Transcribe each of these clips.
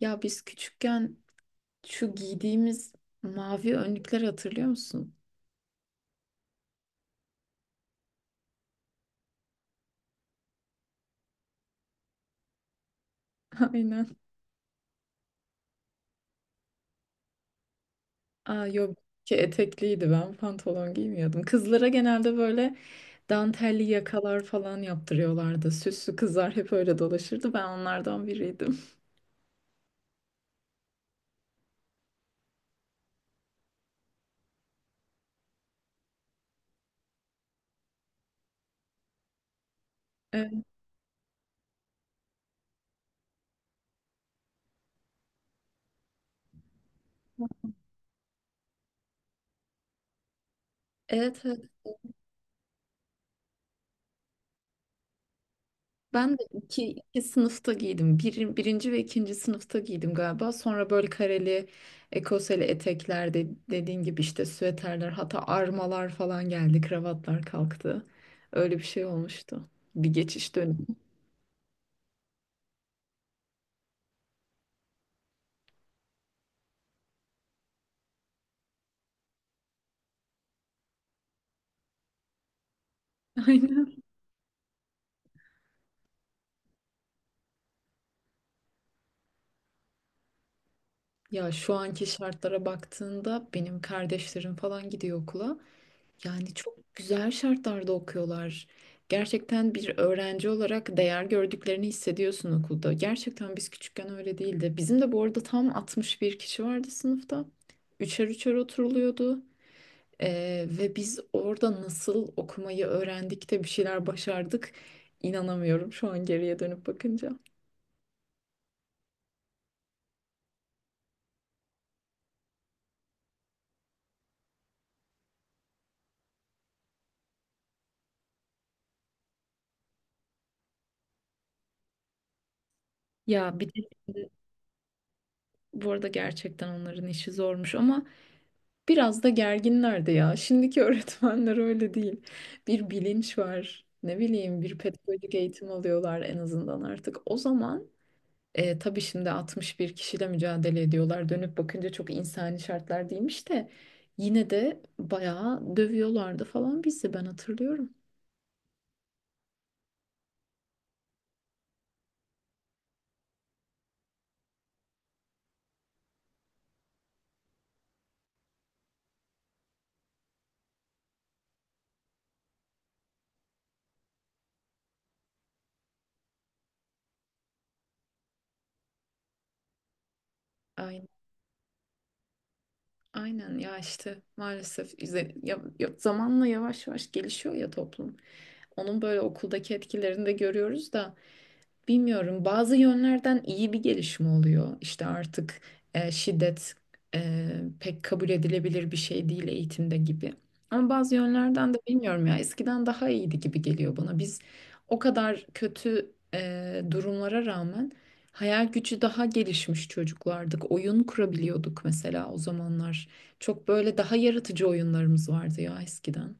Ya biz küçükken şu giydiğimiz mavi önlükleri hatırlıyor musun? Aynen. Aa yok ki etekliydi, ben pantolon giymiyordum. Kızlara genelde böyle dantelli yakalar falan yaptırıyorlardı. Süslü kızlar hep öyle dolaşırdı. Ben onlardan biriydim. Evet. Evet. Ben de iki sınıfta giydim. Birinci ve ikinci sınıfta giydim galiba. Sonra böyle kareli, ekoseli etekler de, dediğin gibi işte süveterler, hatta armalar falan geldi. Kravatlar kalktı. Öyle bir şey olmuştu. Bir geçiş dönemi. Aynen. Ya şu anki şartlara baktığında benim kardeşlerim falan gidiyor okula. Yani çok güzel şartlarda okuyorlar. Gerçekten bir öğrenci olarak değer gördüklerini hissediyorsun okulda. Gerçekten biz küçükken öyle değildi. Bizim de bu arada tam 61 kişi vardı sınıfta. Üçer üçer oturuluyordu. Ve biz orada nasıl okumayı öğrendik de bir şeyler başardık. İnanamıyorum şu an geriye dönüp bakınca. Ya bir de şimdi bu arada gerçekten onların işi zormuş ama biraz da gerginler de ya. Şimdiki öğretmenler öyle değil. Bir bilinç var. Ne bileyim, bir pedagojik eğitim alıyorlar en azından artık. O zaman tabii şimdi 61 kişiyle mücadele ediyorlar. Dönüp bakınca çok insani şartlar değilmiş de yine de bayağı dövüyorlardı falan bizi, ben hatırlıyorum. Aynen, aynen ya işte maalesef zamanla yavaş yavaş gelişiyor ya toplum. Onun böyle okuldaki etkilerini de görüyoruz da bilmiyorum, bazı yönlerden iyi bir gelişme oluyor. İşte artık şiddet pek kabul edilebilir bir şey değil eğitimde gibi. Ama bazı yönlerden de bilmiyorum ya, eskiden daha iyiydi gibi geliyor bana. Biz o kadar kötü durumlara rağmen hayal gücü daha gelişmiş çocuklardık. Oyun kurabiliyorduk mesela o zamanlar. Çok böyle daha yaratıcı oyunlarımız vardı ya eskiden.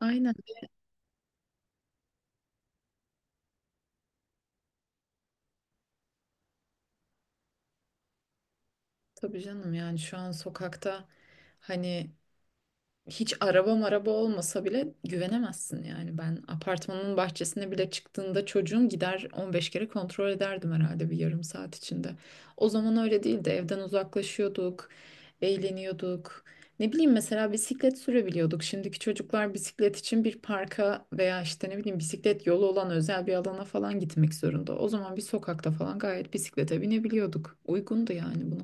Aynen, tabii canım, yani şu an sokakta hani... Hiç araba maraba olmasa bile güvenemezsin yani. Ben apartmanın bahçesine bile çıktığında çocuğum gider 15 kere kontrol ederdim herhalde bir yarım saat içinde. O zaman öyle değildi. Evden uzaklaşıyorduk, eğleniyorduk. Ne bileyim mesela bisiklet sürebiliyorduk. Şimdiki çocuklar bisiklet için bir parka veya işte ne bileyim bisiklet yolu olan özel bir alana falan gitmek zorunda. O zaman bir sokakta falan gayet bisiklete binebiliyorduk. Uygundu yani buna.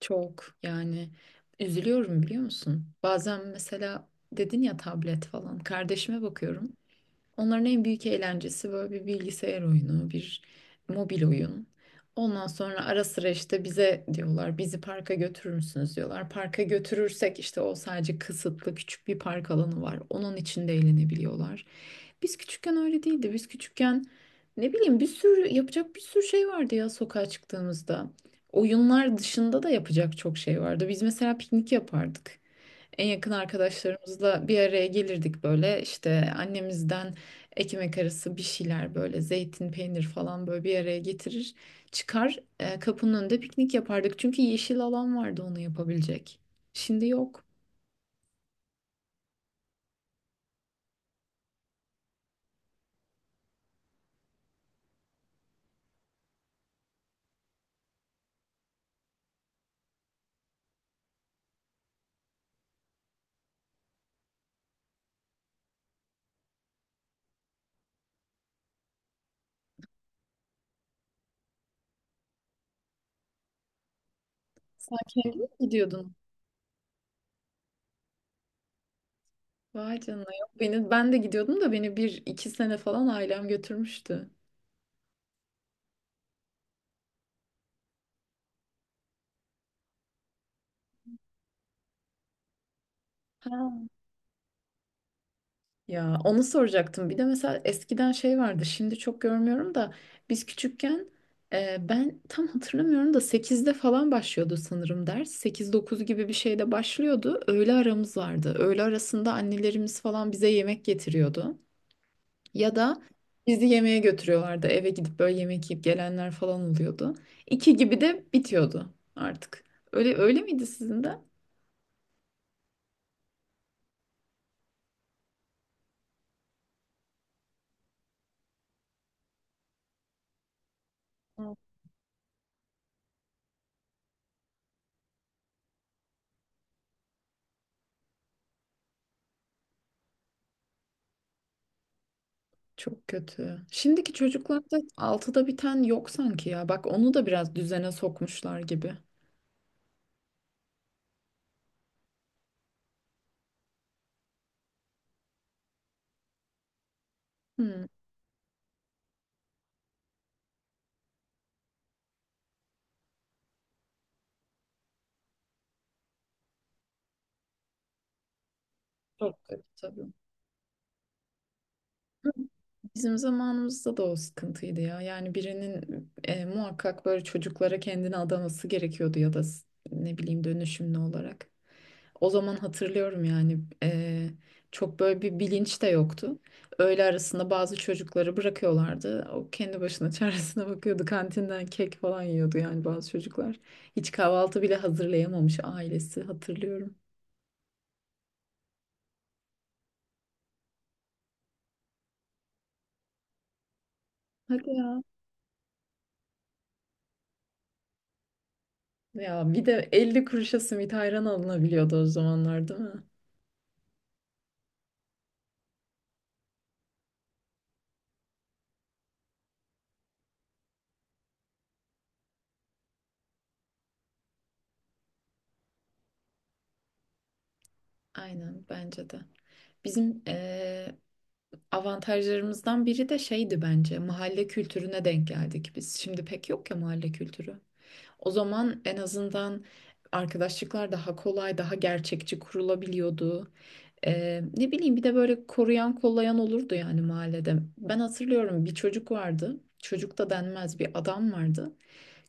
Çok yani üzülüyorum biliyor musun? Bazen mesela dedin ya tablet falan. Kardeşime bakıyorum. Onların en büyük eğlencesi böyle bir bilgisayar oyunu, bir mobil oyun. Ondan sonra ara sıra işte bize diyorlar, bizi parka götürür müsünüz diyorlar. Parka götürürsek işte o sadece kısıtlı küçük bir park alanı var. Onun içinde eğlenebiliyorlar. Biz küçükken öyle değildi. Biz küçükken ne bileyim bir sürü yapacak bir sürü şey vardı ya sokağa çıktığımızda. Oyunlar dışında da yapacak çok şey vardı. Biz mesela piknik yapardık. En yakın arkadaşlarımızla bir araya gelirdik, böyle işte annemizden ekmek arası bir şeyler, böyle zeytin peynir falan, böyle bir araya getirir çıkar, kapının önünde piknik yapardık çünkü yeşil alan vardı onu yapabilecek. Şimdi yok. Sen kendin mi gidiyordun? Vay canına, yok beni, ben de gidiyordum da beni bir iki sene falan ailem götürmüştü. Ha, ya onu soracaktım. Bir de mesela eskiden şey vardı. Şimdi çok görmüyorum da biz küçükken ben tam hatırlamıyorum da 8'de falan başlıyordu sanırım ders. 8 9 gibi bir şeyde başlıyordu. Öğle aramız vardı. Öğle arasında annelerimiz falan bize yemek getiriyordu. Ya da bizi yemeğe götürüyorlardı. Eve gidip böyle yemek yiyip gelenler falan oluyordu. 2 gibi de bitiyordu artık. Öyle, öyle miydi sizin de? Çok kötü. Şimdiki çocuklarda 6'da biten yok sanki ya. Bak onu da biraz düzene sokmuşlar gibi. Hı, çok kötü tabii. Hı, bizim zamanımızda da o sıkıntıydı ya. Yani birinin muhakkak böyle çocuklara kendini adaması gerekiyordu ya da ne bileyim dönüşümlü olarak. O zaman hatırlıyorum yani çok böyle bir bilinç de yoktu. Öğle arasında bazı çocukları bırakıyorlardı. O kendi başına çaresine bakıyordu. Kantinden kek falan yiyordu yani bazı çocuklar. Hiç kahvaltı bile hazırlayamamış ailesi, hatırlıyorum. Hadi ya. Ya bir de 50 kuruşa simit ayran alınabiliyordu o zamanlar, değil mi? Aynen, bence de. Bizim avantajlarımızdan biri de şeydi bence, mahalle kültürüne denk geldik biz. Şimdi pek yok ya mahalle kültürü. O zaman en azından arkadaşlıklar daha kolay, daha gerçekçi kurulabiliyordu. Ne bileyim, bir de böyle koruyan kollayan olurdu yani mahallede. Ben hatırlıyorum, bir çocuk vardı. Çocuk da denmez, bir adam vardı.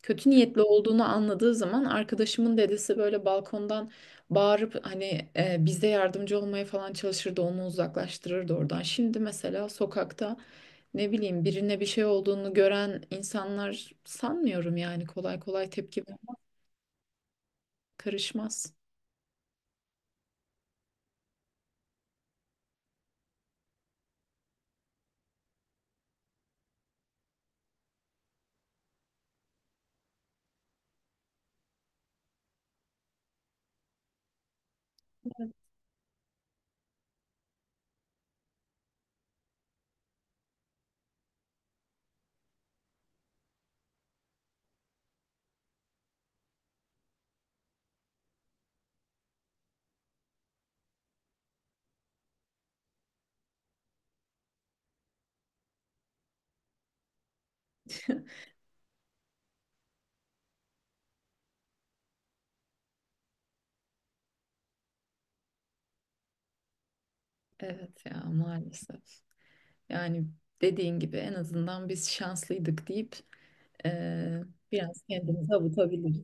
Kötü niyetli olduğunu anladığı zaman arkadaşımın dedesi böyle balkondan bağırıp hani bize yardımcı olmaya falan çalışırdı. Onu uzaklaştırırdı oradan. Şimdi mesela sokakta ne bileyim birine bir şey olduğunu gören insanlar sanmıyorum yani kolay kolay tepki. Karışmaz. Evet ya, maalesef. Yani dediğin gibi en azından biz şanslıydık deyip eee, biraz kendimizi avutabiliriz.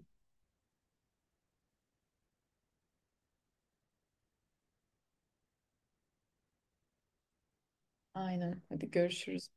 Aynen. Hadi görüşürüz.